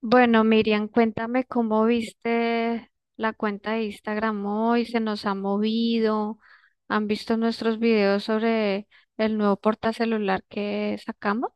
Bueno, Miriam, cuéntame cómo viste la cuenta de Instagram hoy, se nos ha movido, han visto nuestros videos sobre el nuevo portacelular que sacamos.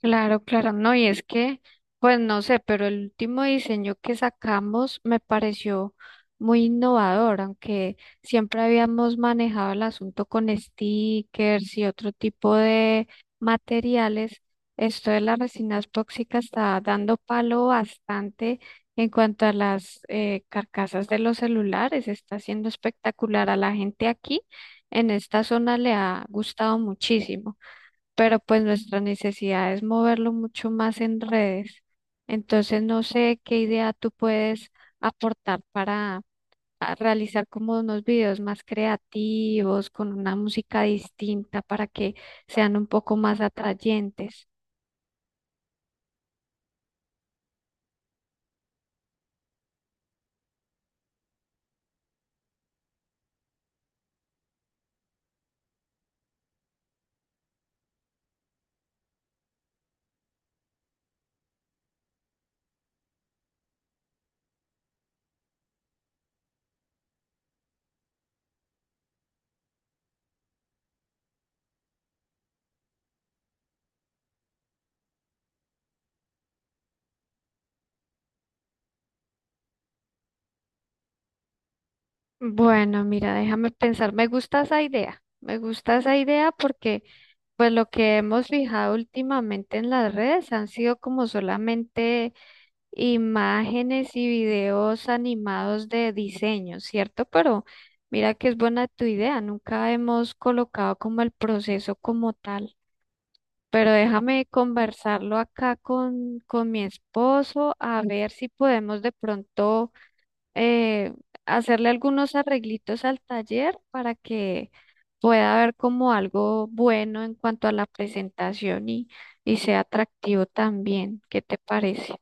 Claro, claro, no, y es que, pues no sé, pero el último diseño que sacamos me pareció muy innovador, aunque siempre habíamos manejado el asunto con stickers y otro tipo de materiales, esto de las resinas tóxicas está dando palo bastante en cuanto a las carcasas de los celulares, está siendo espectacular a la gente aquí, en esta zona le ha gustado muchísimo, pero pues nuestra necesidad es moverlo mucho más en redes. Entonces no sé qué idea tú puedes aportar para a realizar como unos videos más creativos, con una música distinta para que sean un poco más atrayentes. Bueno, mira, déjame pensar, me gusta esa idea, me gusta esa idea porque pues lo que hemos fijado últimamente en las redes han sido como solamente imágenes y videos animados de diseño, ¿cierto? Pero mira que es buena tu idea, nunca hemos colocado como el proceso como tal. Pero déjame conversarlo acá con mi esposo a ver si podemos de pronto eh, hacerle algunos arreglitos al taller para que pueda haber como algo bueno en cuanto a la presentación y sea atractivo también. ¿Qué te parece?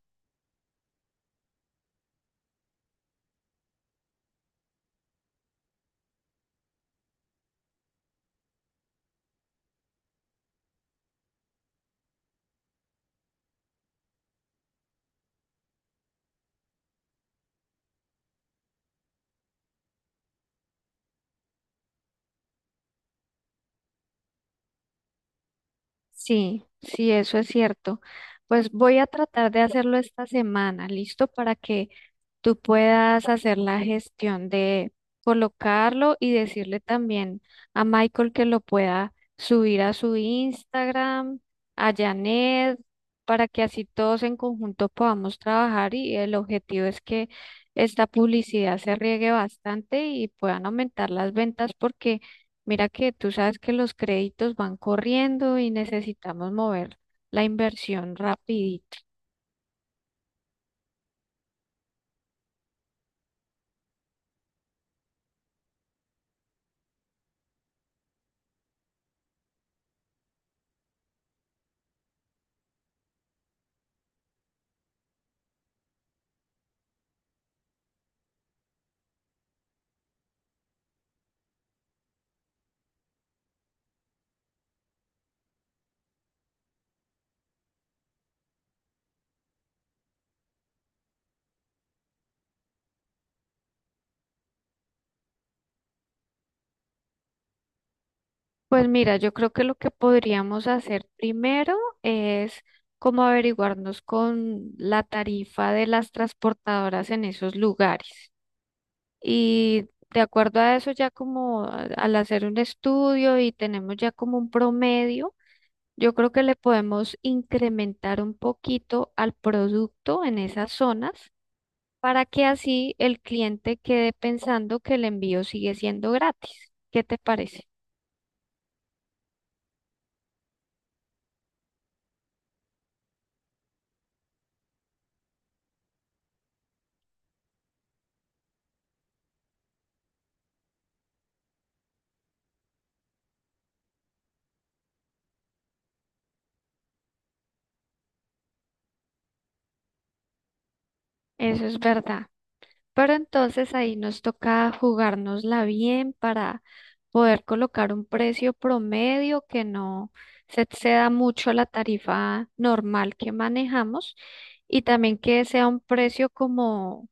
Sí, sí, eso es cierto. Pues voy a tratar de hacerlo esta semana, ¿listo? Para que tú puedas hacer la gestión de colocarlo y decirle también a Michael que lo pueda subir a su Instagram, a Janet, para que así todos en conjunto podamos trabajar y el objetivo es que esta publicidad se riegue bastante y puedan aumentar las ventas porque mira que tú sabes que los créditos van corriendo y necesitamos mover la inversión rapidito. Pues mira, yo creo que lo que podríamos hacer primero es como averiguarnos con la tarifa de las transportadoras en esos lugares. Y de acuerdo a eso, ya como al hacer un estudio y tenemos ya como un promedio, yo creo que le podemos incrementar un poquito al producto en esas zonas para que así el cliente quede pensando que el envío sigue siendo gratis. ¿Qué te parece? Eso es verdad. Pero entonces ahí nos toca jugárnosla bien para poder colocar un precio promedio que no se exceda mucho la tarifa normal que manejamos y también que sea un precio como,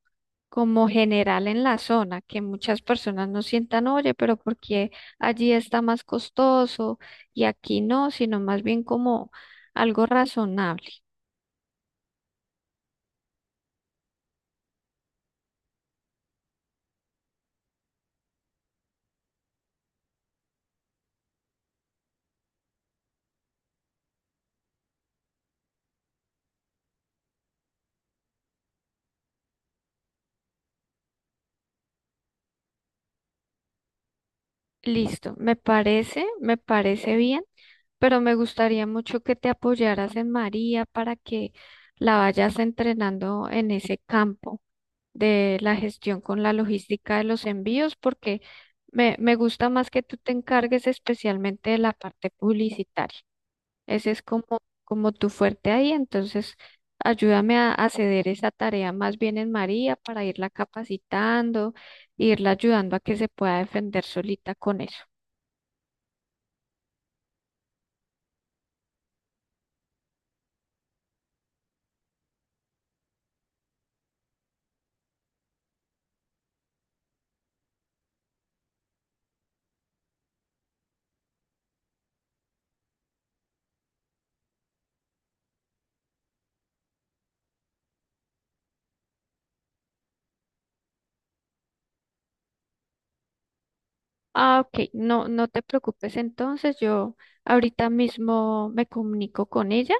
como general en la zona, que muchas personas no sientan, oye, pero porque allí está más costoso y aquí no, sino más bien como algo razonable. Listo, me parece bien. Pero me gustaría mucho que te apoyaras en María para que la vayas entrenando en ese campo de la gestión con la logística de los envíos, porque me gusta más que tú te encargues especialmente de la parte publicitaria. Ese es como, como tu fuerte ahí, entonces ayúdame a ceder esa tarea más bien en María para irla capacitando, irla ayudando a que se pueda defender solita con eso. Ah, ok, no, no te preocupes. Entonces yo ahorita mismo me comunico con ella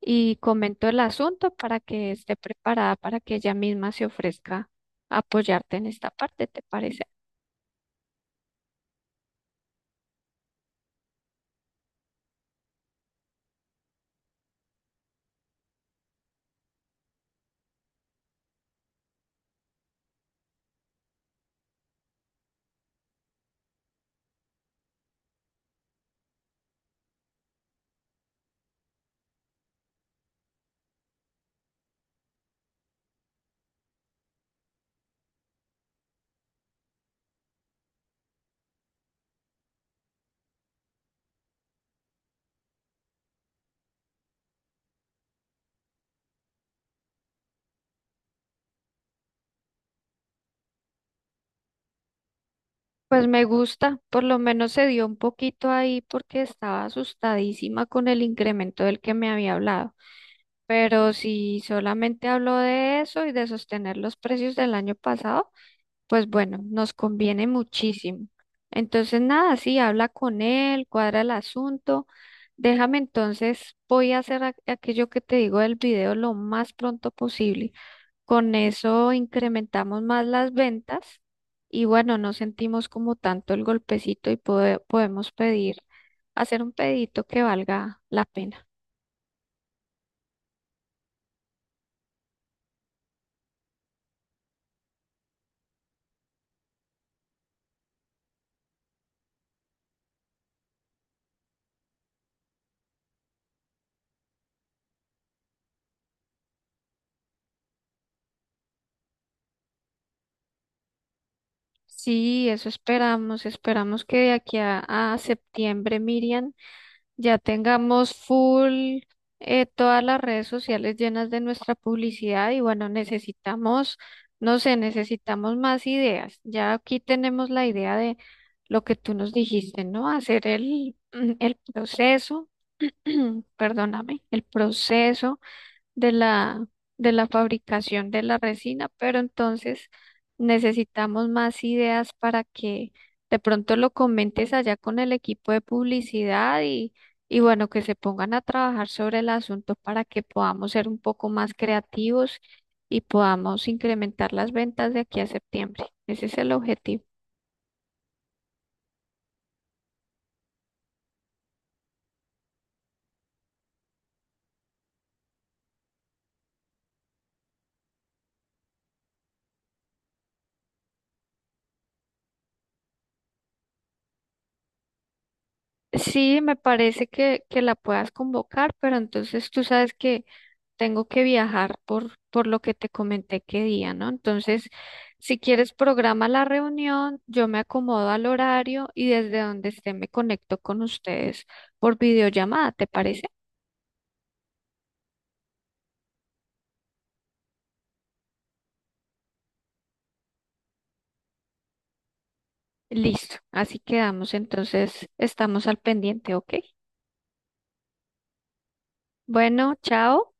y comento el asunto para que esté preparada para que ella misma se ofrezca a apoyarte en esta parte, ¿te parece? Pues me gusta, por lo menos se dio un poquito ahí porque estaba asustadísima con el incremento del que me había hablado. Pero si solamente habló de eso y de sostener los precios del año pasado, pues bueno, nos conviene muchísimo. Entonces, nada, sí, habla con él, cuadra el asunto. Déjame entonces, voy a hacer aquello que te digo del video lo más pronto posible. Con eso incrementamos más las ventas y bueno, no sentimos como tanto el golpecito y podemos pedir, hacer un pedito que valga la pena. Sí, eso esperamos. Esperamos que de aquí a septiembre, Miriam, ya tengamos full todas las redes sociales llenas de nuestra publicidad y bueno, necesitamos, no sé, necesitamos más ideas. Ya aquí tenemos la idea de lo que tú nos dijiste, ¿no? Hacer el, el proceso, perdóname, el proceso de la, de la fabricación de la resina, pero entonces necesitamos más ideas para que de pronto lo comentes allá con el equipo de publicidad y bueno, que se pongan a trabajar sobre el asunto para que podamos ser un poco más creativos y podamos incrementar las ventas de aquí a septiembre. Ese es el objetivo. Sí, me parece que la puedas convocar, pero entonces tú sabes que tengo que viajar por lo que te comenté que día, ¿no? Entonces, si quieres, programa la reunión, yo me acomodo al horario y desde donde esté me conecto con ustedes por videollamada, ¿te parece? Listo, así quedamos, entonces estamos al pendiente, ¿ok? Bueno, chao.